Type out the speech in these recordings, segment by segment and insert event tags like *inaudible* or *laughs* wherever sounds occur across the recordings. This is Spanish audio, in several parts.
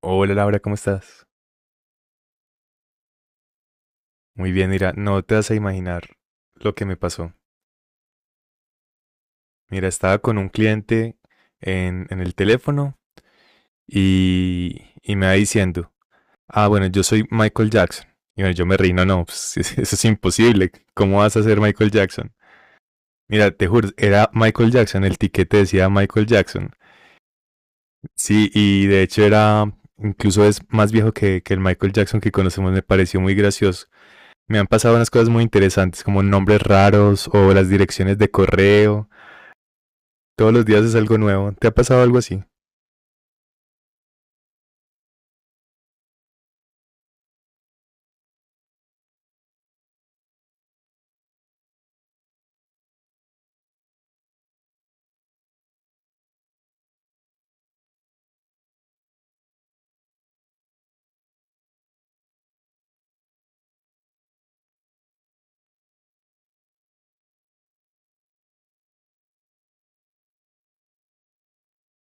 Hola Laura, ¿cómo estás? Muy bien, mira, no te vas a imaginar lo que me pasó. Mira, estaba con un cliente en el teléfono y me va diciendo, ah, bueno, yo soy Michael Jackson. Y bueno, yo me reí, no, no, pues, *laughs* eso es imposible. ¿Cómo vas a ser Michael Jackson? Mira, te juro, era Michael Jackson, el tiquete decía Michael Jackson. Sí, y de hecho era, incluso es más viejo que el Michael Jackson que conocemos, me pareció muy gracioso. Me han pasado unas cosas muy interesantes, como nombres raros o las direcciones de correo. Todos los días es algo nuevo. ¿Te ha pasado algo así?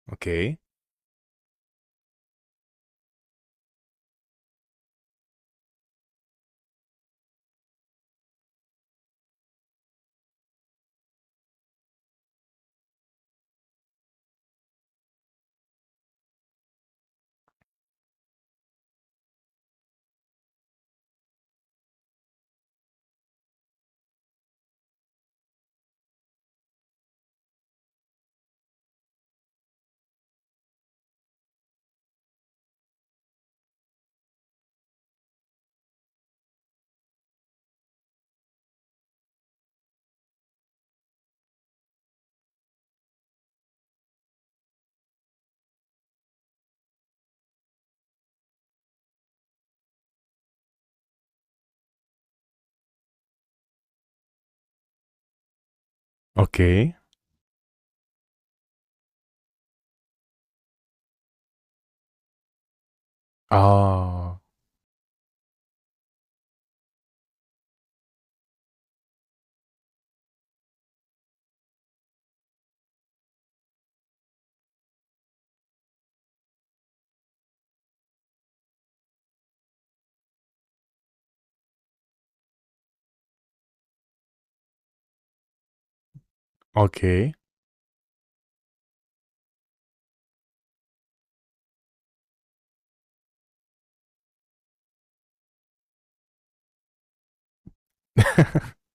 Ok, ok, ah, ok. *laughs*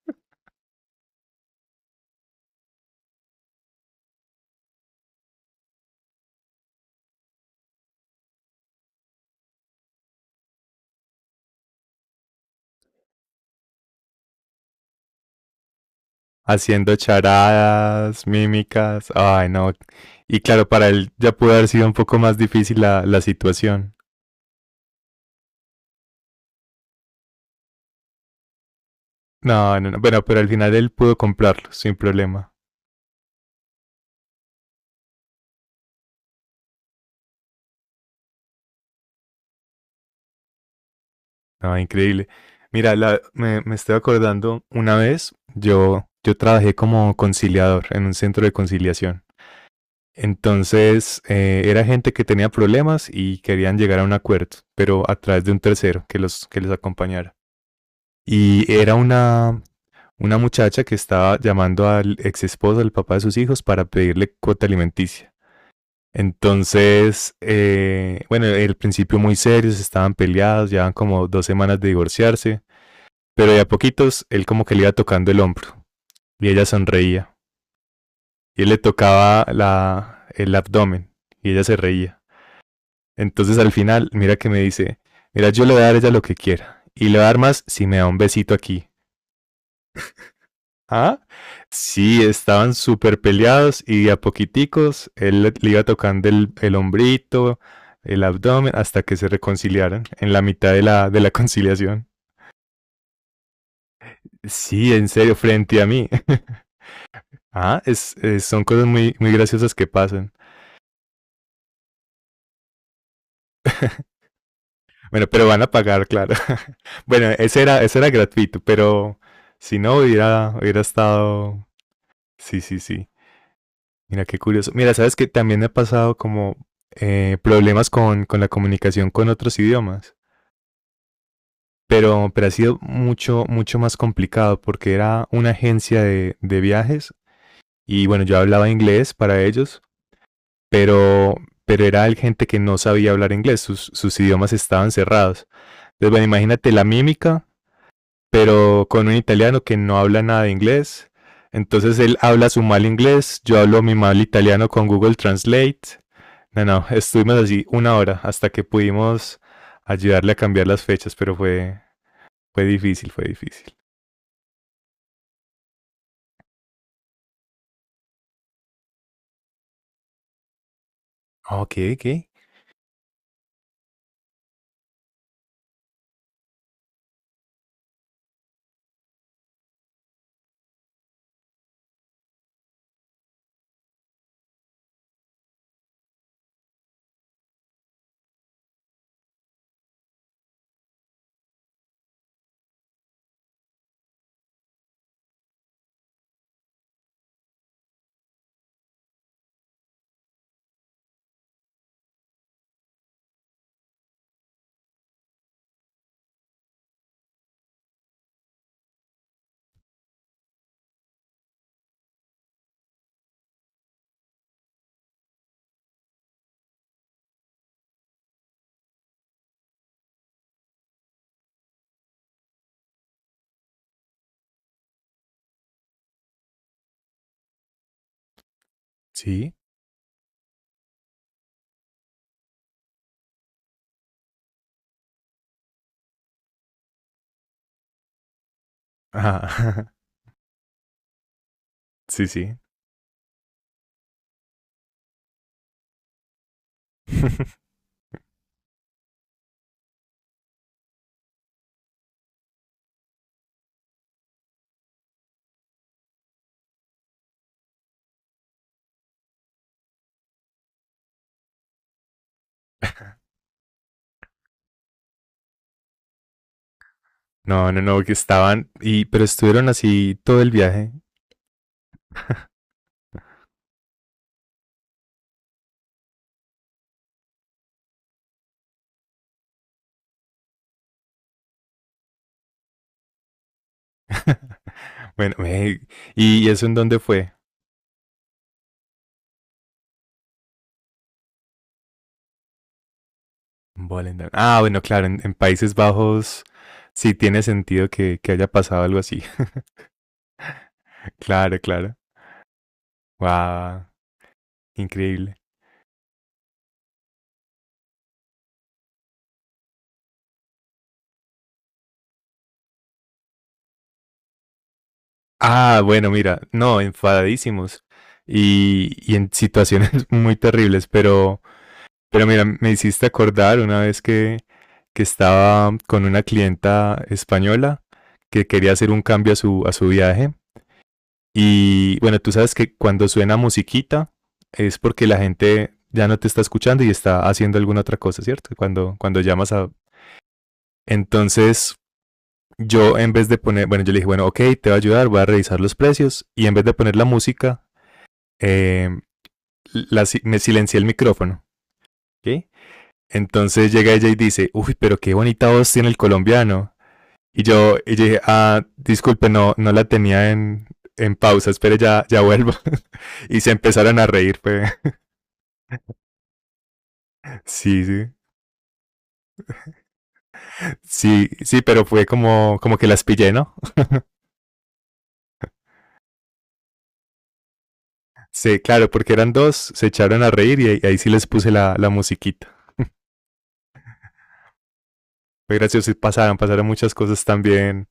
Haciendo charadas, mímicas. Ay, no. Y claro, para él ya pudo haber sido un poco más difícil la situación. No, no, no. Bueno, pero al final él pudo comprarlo sin problema. Ah, increíble. Mira, me estoy acordando, una vez yo trabajé como conciliador en un centro de conciliación. Entonces, era gente que tenía problemas y querían llegar a un acuerdo, pero a través de un tercero que les acompañara. Y era una muchacha que estaba llamando al ex esposo, al papá de sus hijos, para pedirle cuota alimenticia. Entonces, bueno, el principio muy serios, estaban peleados, llevaban como dos semanas de divorciarse. Pero de a poquitos él como que le iba tocando el hombro y ella sonreía. Y él le tocaba el abdomen y ella se reía. Entonces al final, mira que me dice, mira, yo le voy a dar a ella lo que quiera. Y le voy a dar más si me da un besito aquí. ¿Ah? Sí, estaban súper peleados y de a poquiticos él le iba tocando el hombrito, el abdomen, hasta que se reconciliaran en la mitad de la *laughs* conciliación. Sí, en serio, frente a mí. *laughs* Ah, son cosas muy, muy graciosas que pasan. Bueno, pero van a pagar, claro. *laughs* Bueno, ese era gratuito, pero si no hubiera estado. Sí, sí, sí. Mira, qué curioso. Mira, sabes que también me ha pasado como problemas con la comunicación con otros idiomas. Pero ha sido mucho, mucho más complicado porque era una agencia de viajes y bueno, yo hablaba inglés para ellos, pero, pero era el gente que no sabía hablar inglés, sus idiomas estaban cerrados. Entonces, bueno, imagínate la mímica, pero con un italiano que no habla nada de inglés. Entonces él habla su mal inglés, yo hablo mi mal italiano con Google Translate. No, no, estuvimos así una hora hasta que pudimos ayudarle a cambiar las fechas, pero fue difícil, fue difícil. Ok, ok. Sí. Ajá. *laughs* Sí, sí. *laughs* No, no, no, que estaban, y, pero estuvieron así todo el viaje. *laughs* Bueno, ve, ¿y eso en dónde fue? Volendam. Ah, bueno, claro, en Países Bajos sí tiene sentido que haya pasado algo así. *laughs* Claro, claro. Wow, increíble. Ah, bueno, mira, no, enfadadísimos y en situaciones *laughs* muy terribles, pero mira, me hiciste acordar una vez que estaba con una clienta española que quería hacer un cambio a su viaje. Y bueno, tú sabes que cuando suena musiquita es porque la gente ya no te está escuchando y está haciendo alguna otra cosa, ¿cierto? Cuando llamas a... Entonces, yo en vez de poner, bueno, yo le dije, bueno, ok, te voy a ayudar, voy a revisar los precios y en vez de poner la música, eh, la si- me silencié el micrófono, ¿ok? Entonces llega ella y dice, uy, pero qué bonita voz tiene el colombiano. Y yo dije, ah, disculpe, no, no la tenía en pausa, espere, ya, ya vuelvo. *laughs* y se empezaron a reír, fue, sí, sí, sí, sí, pero fue como, como que las pillé, ¿no? Sí, claro, porque eran dos, se echaron a reír y, ahí sí les puse la musiquita. Fue gracioso y pasaron, pasaron muchas cosas también.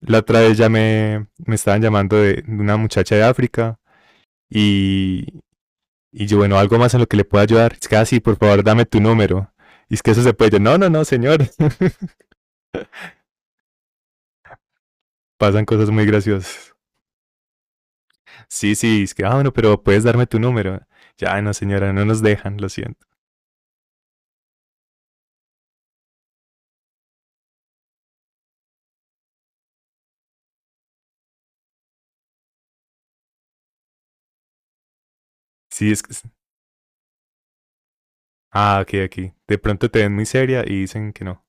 La otra vez ya me estaban llamando de una muchacha de África y, y yo, bueno, algo más en lo que le pueda ayudar. Es que, ah, sí, por favor, dame tu número. Y es que eso se puede. Yo, no, no, no, señor. *laughs* Pasan cosas muy graciosas. Sí, sí, es que, ah, bueno, pero puedes darme tu número. Ya, no, señora, no nos dejan, lo siento. Sí, es que... Ah, ok, ok. De pronto te ven muy seria y dicen que no.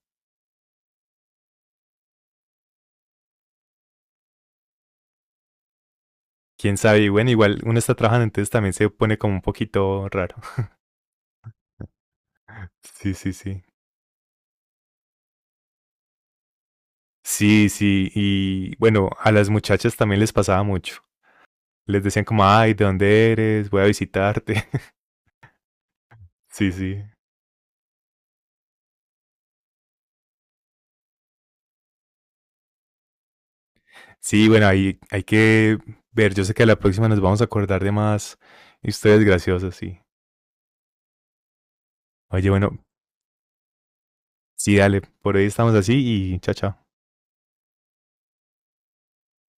Quién sabe, y bueno, igual uno está trabajando, entonces también se pone como un poquito raro. *laughs* Sí, sí, sí. Sí, sí, y bueno, a las muchachas también les pasaba mucho. Les decían como, ay, ¿de dónde eres? Voy a visitarte. *laughs* Sí, sí. Sí, bueno, ahí hay que ver. Yo sé que a la próxima nos vamos a acordar de más historias graciosas, sí. Oye, bueno, sí, dale, por ahí estamos así y chao, chao.